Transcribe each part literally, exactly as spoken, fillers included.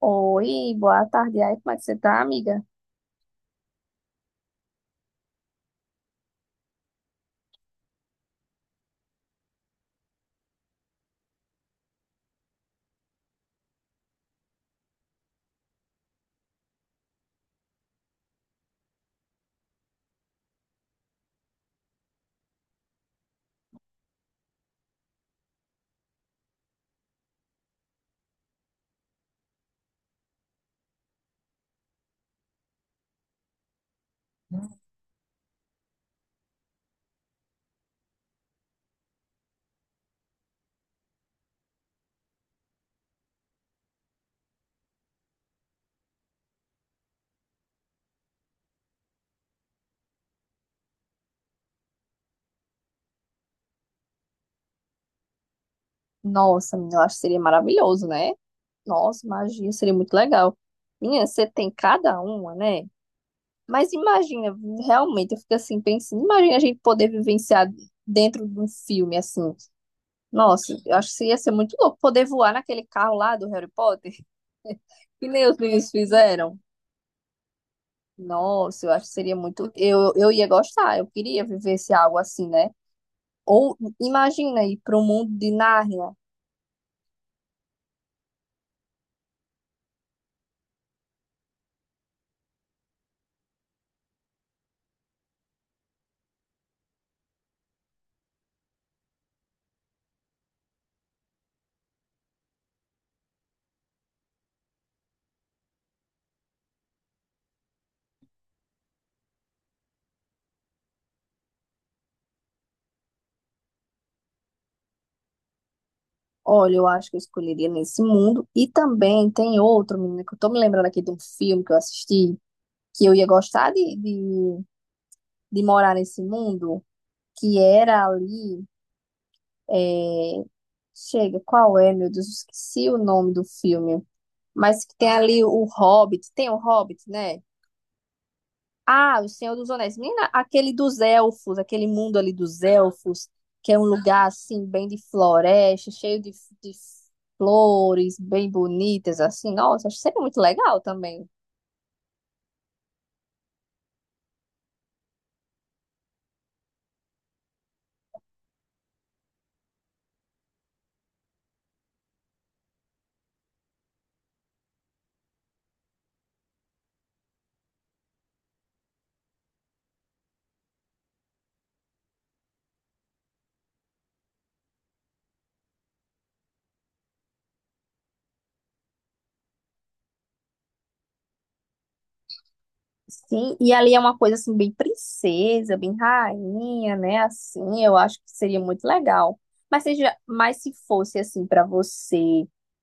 Oi, boa tarde. Aí, como é que você tá, amiga? Nossa, menina, eu acho que seria maravilhoso, né? Nossa, imagina, seria muito legal. Menina, você tem cada uma, né? Mas imagina, realmente, eu fico assim pensando, imagina a gente poder vivenciar dentro de um filme assim. Nossa, eu acho que ia ser muito louco poder voar naquele carro lá do Harry Potter, que nem os meninos fizeram. Nossa, eu acho que seria muito. Eu, eu ia gostar, eu queria viver esse algo assim, né? Ou imagina ir para o mundo de Nárnia. Olha, eu acho que eu escolheria nesse mundo. E também tem outro, menina, que eu tô me lembrando aqui de um filme que eu assisti, que eu ia gostar de, de, de morar nesse mundo, que era ali. é, Chega, qual é, meu Deus? Esqueci o nome do filme. Mas que tem ali o Hobbit, tem o Hobbit, né? Ah, o Senhor dos Anéis. Menina, aquele dos elfos, aquele mundo ali dos elfos, que é um lugar assim, bem de floresta, cheio de, de flores, bem bonitas, assim. Nossa, acho sempre muito legal também. Sim, e ali é uma coisa assim, bem princesa, bem rainha, né? Assim, eu acho que seria muito legal. Mas seja, mas se fosse assim para você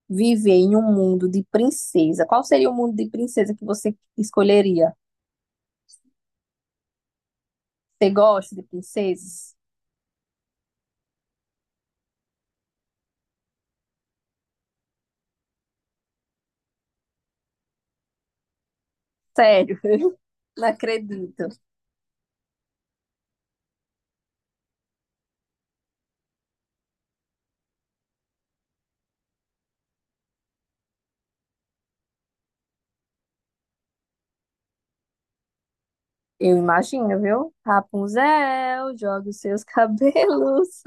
viver em um mundo de princesa, qual seria o mundo de princesa que você escolheria? Você gosta de princesas? Sério, não acredito. Eu imagino, viu? Rapunzel, joga os seus cabelos.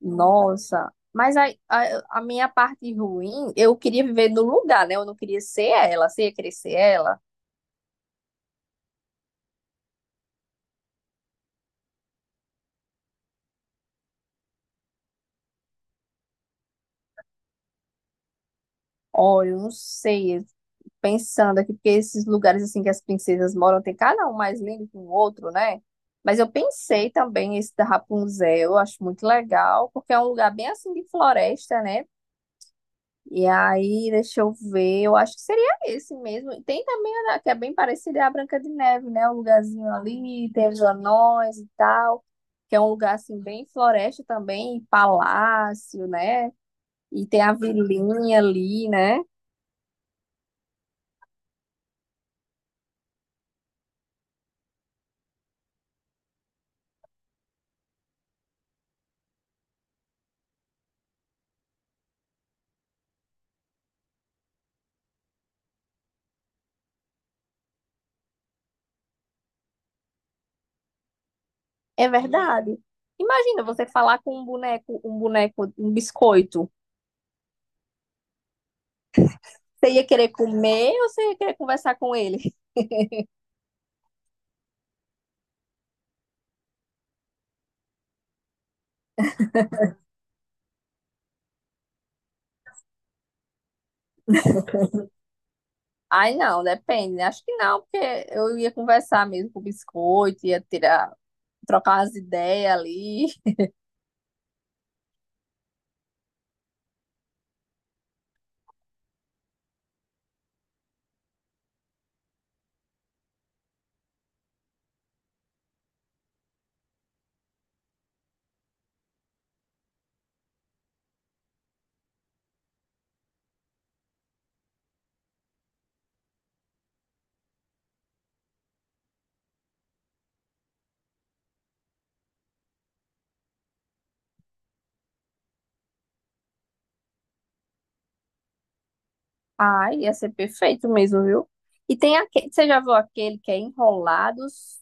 Nossa, mas a, a, a minha parte ruim, eu queria viver no lugar, né? Eu não queria ser ela, você ia querer ser ela? Olha, eu não sei, eu fico pensando aqui, porque esses lugares assim que as princesas moram, tem cada um mais lindo que o outro, né? Mas eu pensei também esse da Rapunzel, eu acho muito legal, porque é um lugar bem assim de floresta, né? E aí, deixa eu ver, eu acho que seria esse mesmo. E tem também a que é bem parecida, é a Branca de Neve, né? O lugarzinho ali, tem os anões e tal, que é um lugar assim bem floresta também, e palácio, né? E tem a vilinha ali, né? É verdade. Imagina você falar com um boneco, um boneco, um biscoito. Você ia querer comer ou você ia querer conversar com ele? Ai, não, depende, né? Acho que não, porque eu ia conversar mesmo com o biscoito, ia tirar trocar as ideias ali. Ai, ia ser perfeito mesmo, viu? E tem aquele, você já viu aquele que é Enrolados,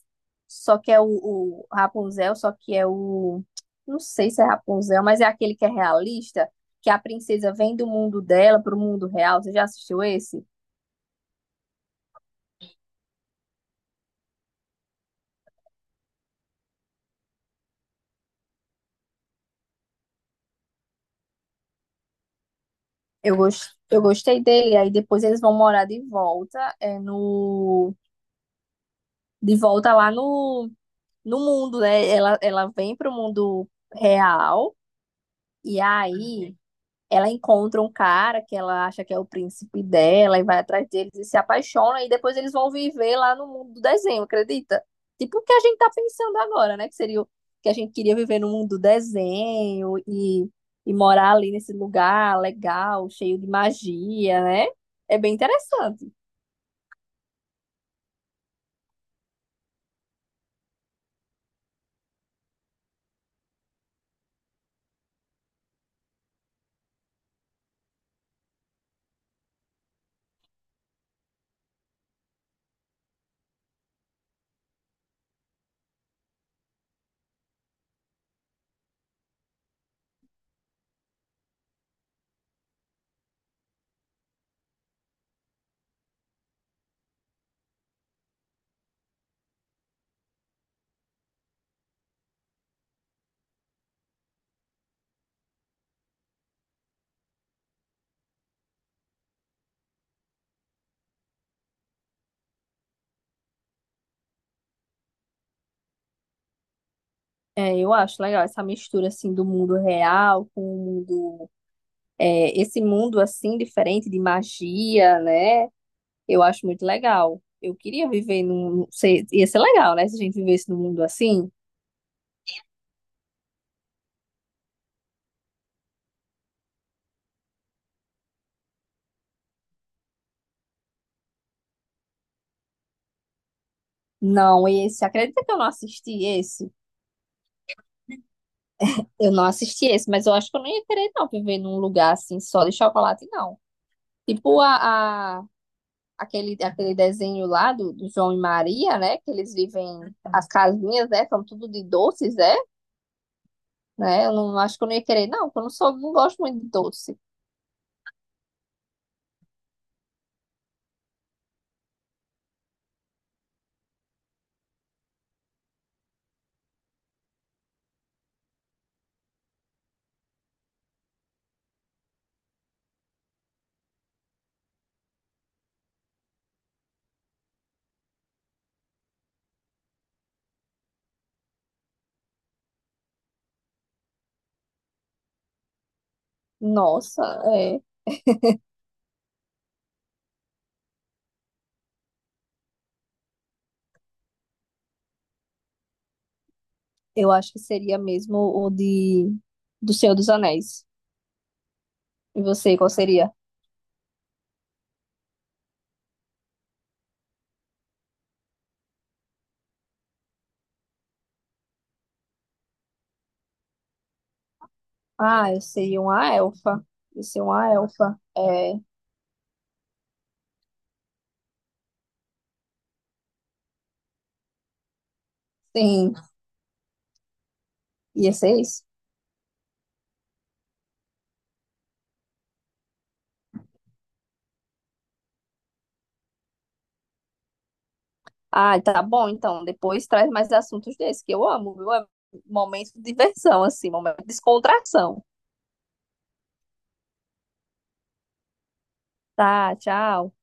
só que é o, o Rapunzel, só que é o. Não sei se é Rapunzel, mas é aquele que é realista, que a princesa vem do mundo dela pro mundo real. Você já assistiu esse? Eu, gos- eu gostei dele. Aí depois eles vão morar de volta, é, no, de volta lá no, no mundo, né? Ela, ela vem pro mundo real. E aí, ela encontra um cara que ela acha que é o príncipe dela e vai atrás deles e se apaixona, e depois eles vão viver lá no mundo do desenho, acredita? Tipo o que a gente tá pensando agora, né? Que seria o que a gente queria viver no mundo do desenho e, e morar ali nesse lugar legal, cheio de magia, né? É bem interessante. É, eu acho legal essa mistura assim do mundo real com o mundo, é, esse mundo assim diferente de magia, né? Eu acho muito legal. Eu queria viver num. Ser- Ia ser legal, né? Se a gente vivesse num mundo assim. Não, esse. Acredita que eu não assisti esse? Eu não assisti esse, mas eu acho que eu não ia querer, não, viver num lugar assim, só de chocolate, não. Tipo a, a- aquele, aquele desenho lá do, do João e Maria, né? Que eles vivem. As casinhas, né? São tudo de doces, é? Né? Eu não acho que eu não ia querer, não, porque eu não sou, não gosto muito de doce. Nossa, é. Eu acho que seria mesmo o de. Do Senhor dos Anéis. E você, qual seria? Ah, eu seria uma elfa. Eu seria uma elfa. É, sim. Ia ser isso? Ah, tá bom, então. Depois traz mais assuntos desses, que eu amo, viu? É momento de diversão, assim, momento de descontração. Tá, tchau.